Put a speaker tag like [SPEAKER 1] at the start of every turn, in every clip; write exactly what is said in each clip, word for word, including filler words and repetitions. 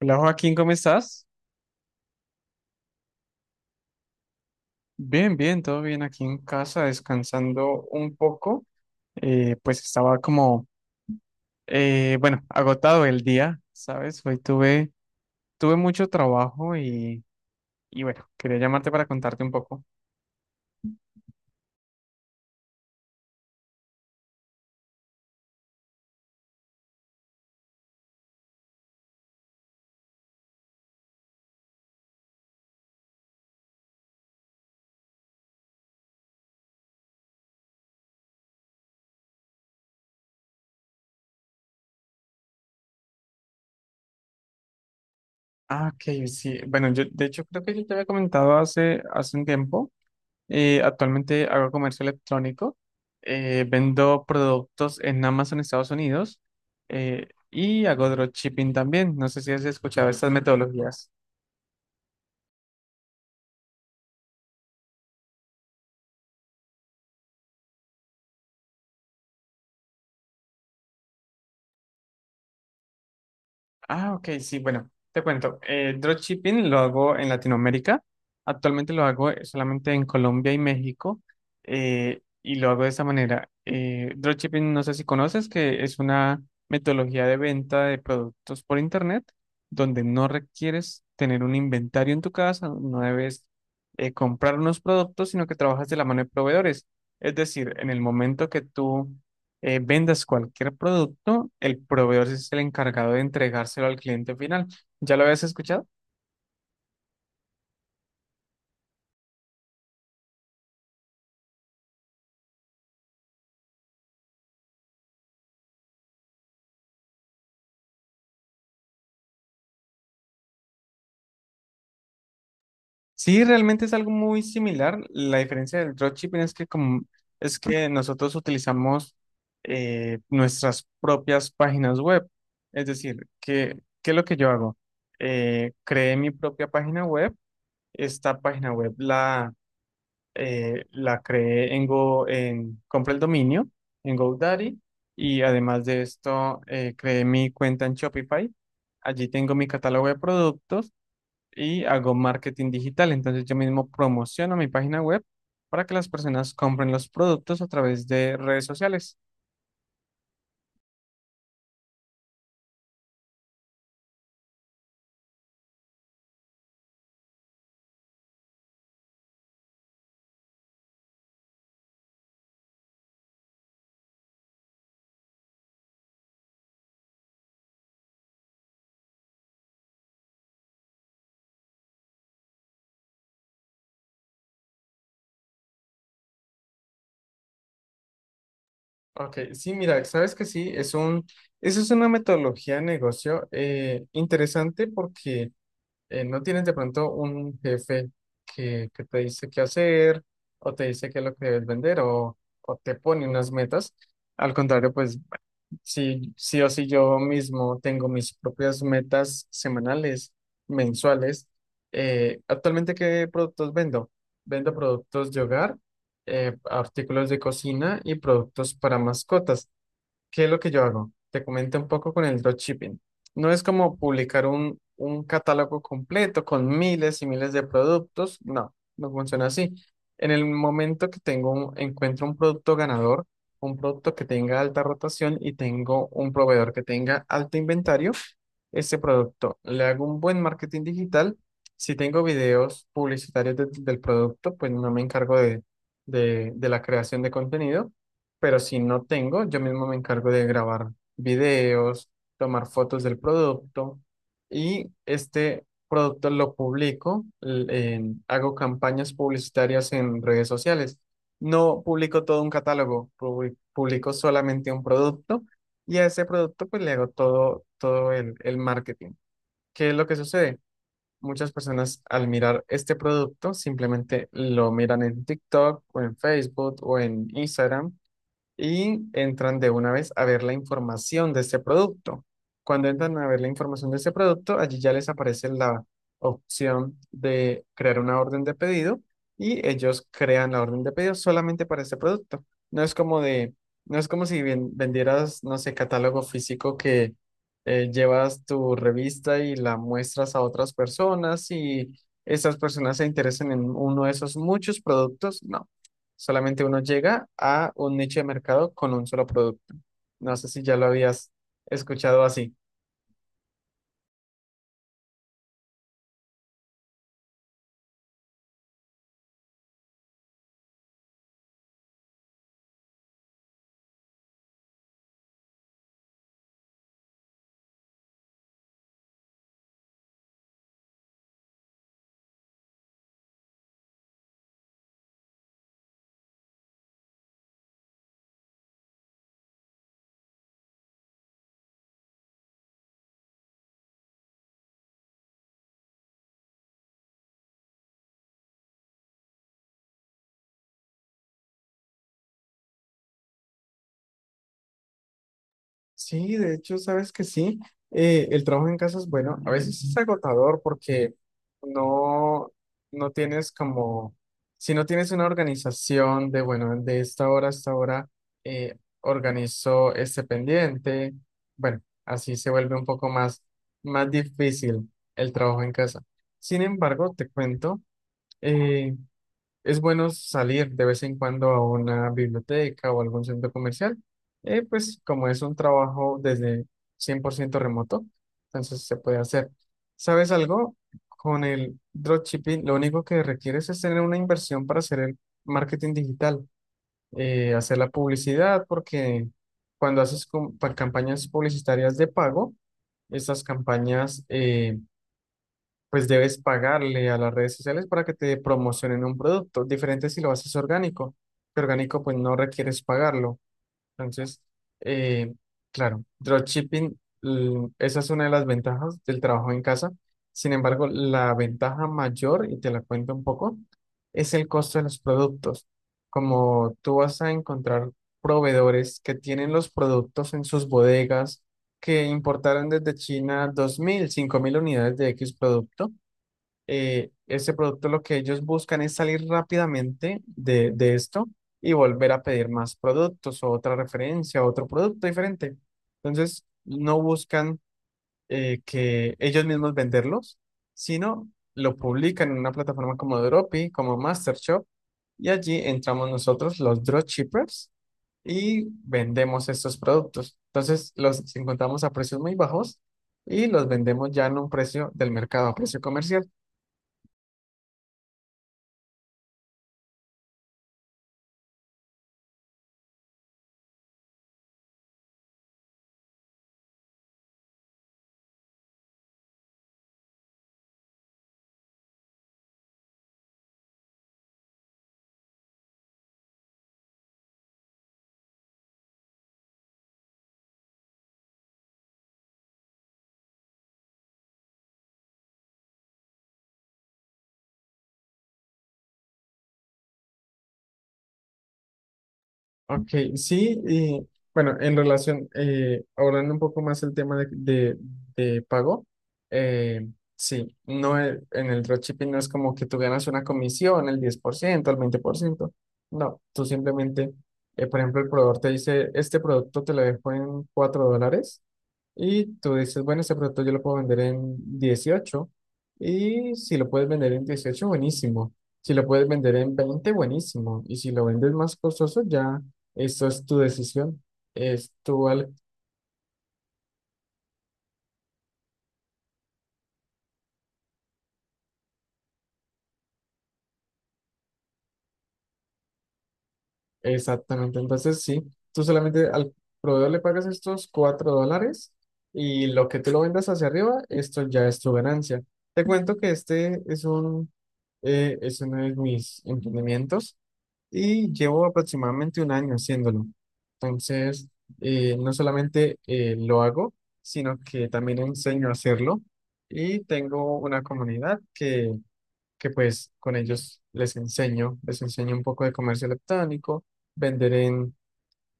[SPEAKER 1] Hola Joaquín, ¿cómo estás? Bien, bien, todo bien aquí en casa, descansando un poco. Eh, pues estaba como, eh, bueno, agotado el día, ¿sabes? Hoy tuve, tuve mucho trabajo y, y bueno, quería llamarte para contarte un poco. Ah, ok, sí. Bueno, yo de hecho creo que yo te había comentado hace, hace un tiempo. Eh, actualmente hago comercio electrónico, eh, vendo productos en Amazon, Estados Unidos, eh, y hago dropshipping también. No sé si has escuchado estas metodologías. Ah, ok, sí, bueno, te cuento. Eh, dropshipping lo hago en Latinoamérica. Actualmente lo hago eh, solamente en Colombia y México. eh, y lo hago de esa manera. Eh, dropshipping, no sé si conoces, que es una metodología de venta de productos por internet donde no requieres tener un inventario en tu casa, no debes eh, comprar unos productos, sino que trabajas de la mano de proveedores. Es decir, en el momento que tú eh, vendas cualquier producto, el proveedor sí es el encargado de entregárselo al cliente final. ¿Ya lo habías escuchado? Sí, realmente es algo muy similar. La diferencia del dropshipping es que como es que nosotros utilizamos eh, nuestras propias páginas web. Es decir, que ¿qué es lo que yo hago? Eh, creé mi propia página web. Esta página web, la eh, la creé en Go, en, compré el dominio en GoDaddy, y además de esto eh, creé mi cuenta en Shopify. Allí tengo mi catálogo de productos y hago marketing digital. Entonces yo mismo promociono mi página web para que las personas compren los productos a través de redes sociales. Ok, sí, mira, sabes que sí, es un, eso es una metodología de negocio eh, interesante, porque eh, ¿no tienes de pronto un jefe que, que te dice qué hacer, o te dice qué es lo que debes vender, o, o te pone unas metas? Al contrario, pues sí, sí o sí yo mismo tengo mis propias metas semanales, mensuales. Eh, actualmente, ¿qué productos vendo? Vendo productos de hogar, eh, artículos de cocina y productos para mascotas. ¿Qué es lo que yo hago? Te comento un poco con el dropshipping. No es como publicar un, un catálogo completo con miles y miles de productos. No, no funciona así. En el momento que tengo un- encuentro un producto ganador, un producto que tenga alta rotación y tengo un proveedor que tenga alto inventario, ese producto le hago un buen marketing digital. Si tengo videos publicitarios de- del producto, pues no me encargo de, de de la creación de contenido, pero si no tengo, yo mismo me encargo de grabar videos, tomar fotos del producto, y este producto lo publico, l- en- hago campañas publicitarias en redes sociales. No publico todo un catálogo, publi- publico solamente un producto, y a ese producto pues le hago todo, todo el, el marketing. ¿Qué es lo que sucede? Muchas personas al mirar este producto simplemente lo miran en TikTok o en Facebook o en Instagram y entran de una vez a ver la información de este producto. Cuando entran a ver la información de este producto, allí ya les aparece la opción de crear una orden de pedido, y ellos crean la orden de pedido solamente para este producto. No es como de, no es como si ven- vendieras, no sé, catálogo físico que eh, llevas tu revista y la muestras a otras personas, y esas personas se interesan en uno de esos muchos productos. No. Solamente uno llega a un nicho de mercado con un solo producto. No sé si ya lo habías escuchado así. Sí, de hecho, sabes que sí. Eh, el trabajo en casa es bueno. A veces es agotador porque no, no tienes como, si no tienes una organización de, bueno, de esta hora a esta hora, eh, organizo este pendiente. Bueno, así se vuelve un poco más, más difícil el trabajo en casa. Sin embargo, te cuento, eh, es bueno salir de vez en cuando a una biblioteca o algún centro comercial, eh, pues como es un trabajo desde cien por ciento remoto, entonces se puede hacer. ¿Sabes algo? Con el dropshipping, lo único que requieres es tener una inversión para hacer el marketing digital, eh, hacer la publicidad, porque cuando haces com- pa- campañas publicitarias de pago, estas campañas, eh, pues debes pagarle a las redes sociales para que te promocionen un producto. Diferente si lo haces orgánico, que orgánico pues no requieres pagarlo. Entonces, eh, claro, dropshipping, l- esa es una de las ventajas del trabajo en casa. Sin embargo, la ventaja mayor, y te la cuento un poco, es el costo de los productos. Como tú vas a encontrar proveedores que tienen los productos en sus bodegas, que importaron desde China dos mil, cinco mil unidades de X producto, eh, ese producto lo que ellos buscan es salir rápidamente de, de esto y volver a pedir más productos, o otra referencia, otro producto diferente. Entonces, no buscan eh, que ellos mismos venderlos, sino lo publican en una plataforma como Dropi, como MasterShop, y allí entramos nosotros, los dropshippers, y vendemos estos productos. Entonces, los encontramos a precios muy bajos y los vendemos ya en un precio del mercado, a precio comercial. Ok, sí, y bueno, en relación, eh, abordando un poco más el tema de, de- de pago, eh, sí, no e- en el dropshipping no es como que tú ganas una comisión, el diez por ciento, el veinte por ciento, no, tú simplemente, eh, por ejemplo, el proveedor te dice, este producto te lo dejo en cuatro dólares, y tú dices, bueno, ese producto yo lo puedo vender en dieciocho. Y si lo puedes vender en dieciocho, buenísimo. Si lo puedes vender en veinte, buenísimo. Y si lo vendes más costoso, ya eso es tu decisión. Es tu al... Exactamente. Entonces, sí, tú solamente al proveedor le pagas estos cuatro dólares, y lo que tú lo vendas hacia arriba, esto ya es tu ganancia. Te cuento que este es un, eh, es uno de mis emprendimientos, y llevo aproximadamente un año haciéndolo. Entonces, eh, no solamente eh, lo hago, sino que también enseño a hacerlo, y tengo una comunidad que, que pues con ellos les enseño, les enseño un poco de comercio electrónico, vender en,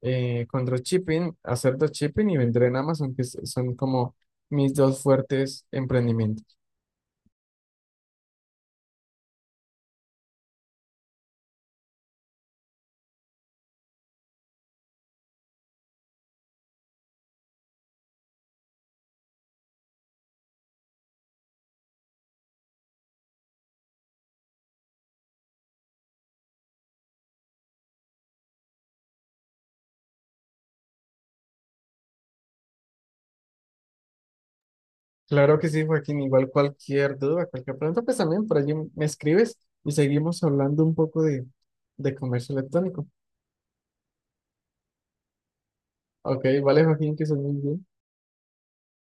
[SPEAKER 1] eh, con dropshipping, hacer dropshipping y vender en Amazon, que es- son como mis dos fuertes emprendimientos. Claro que sí, Joaquín. Igual cualquier duda, cualquier pregunta, pues también por allí me escribes y seguimos hablando un poco de, de comercio electrónico. Ok, vale, Joaquín, que soy muy bien.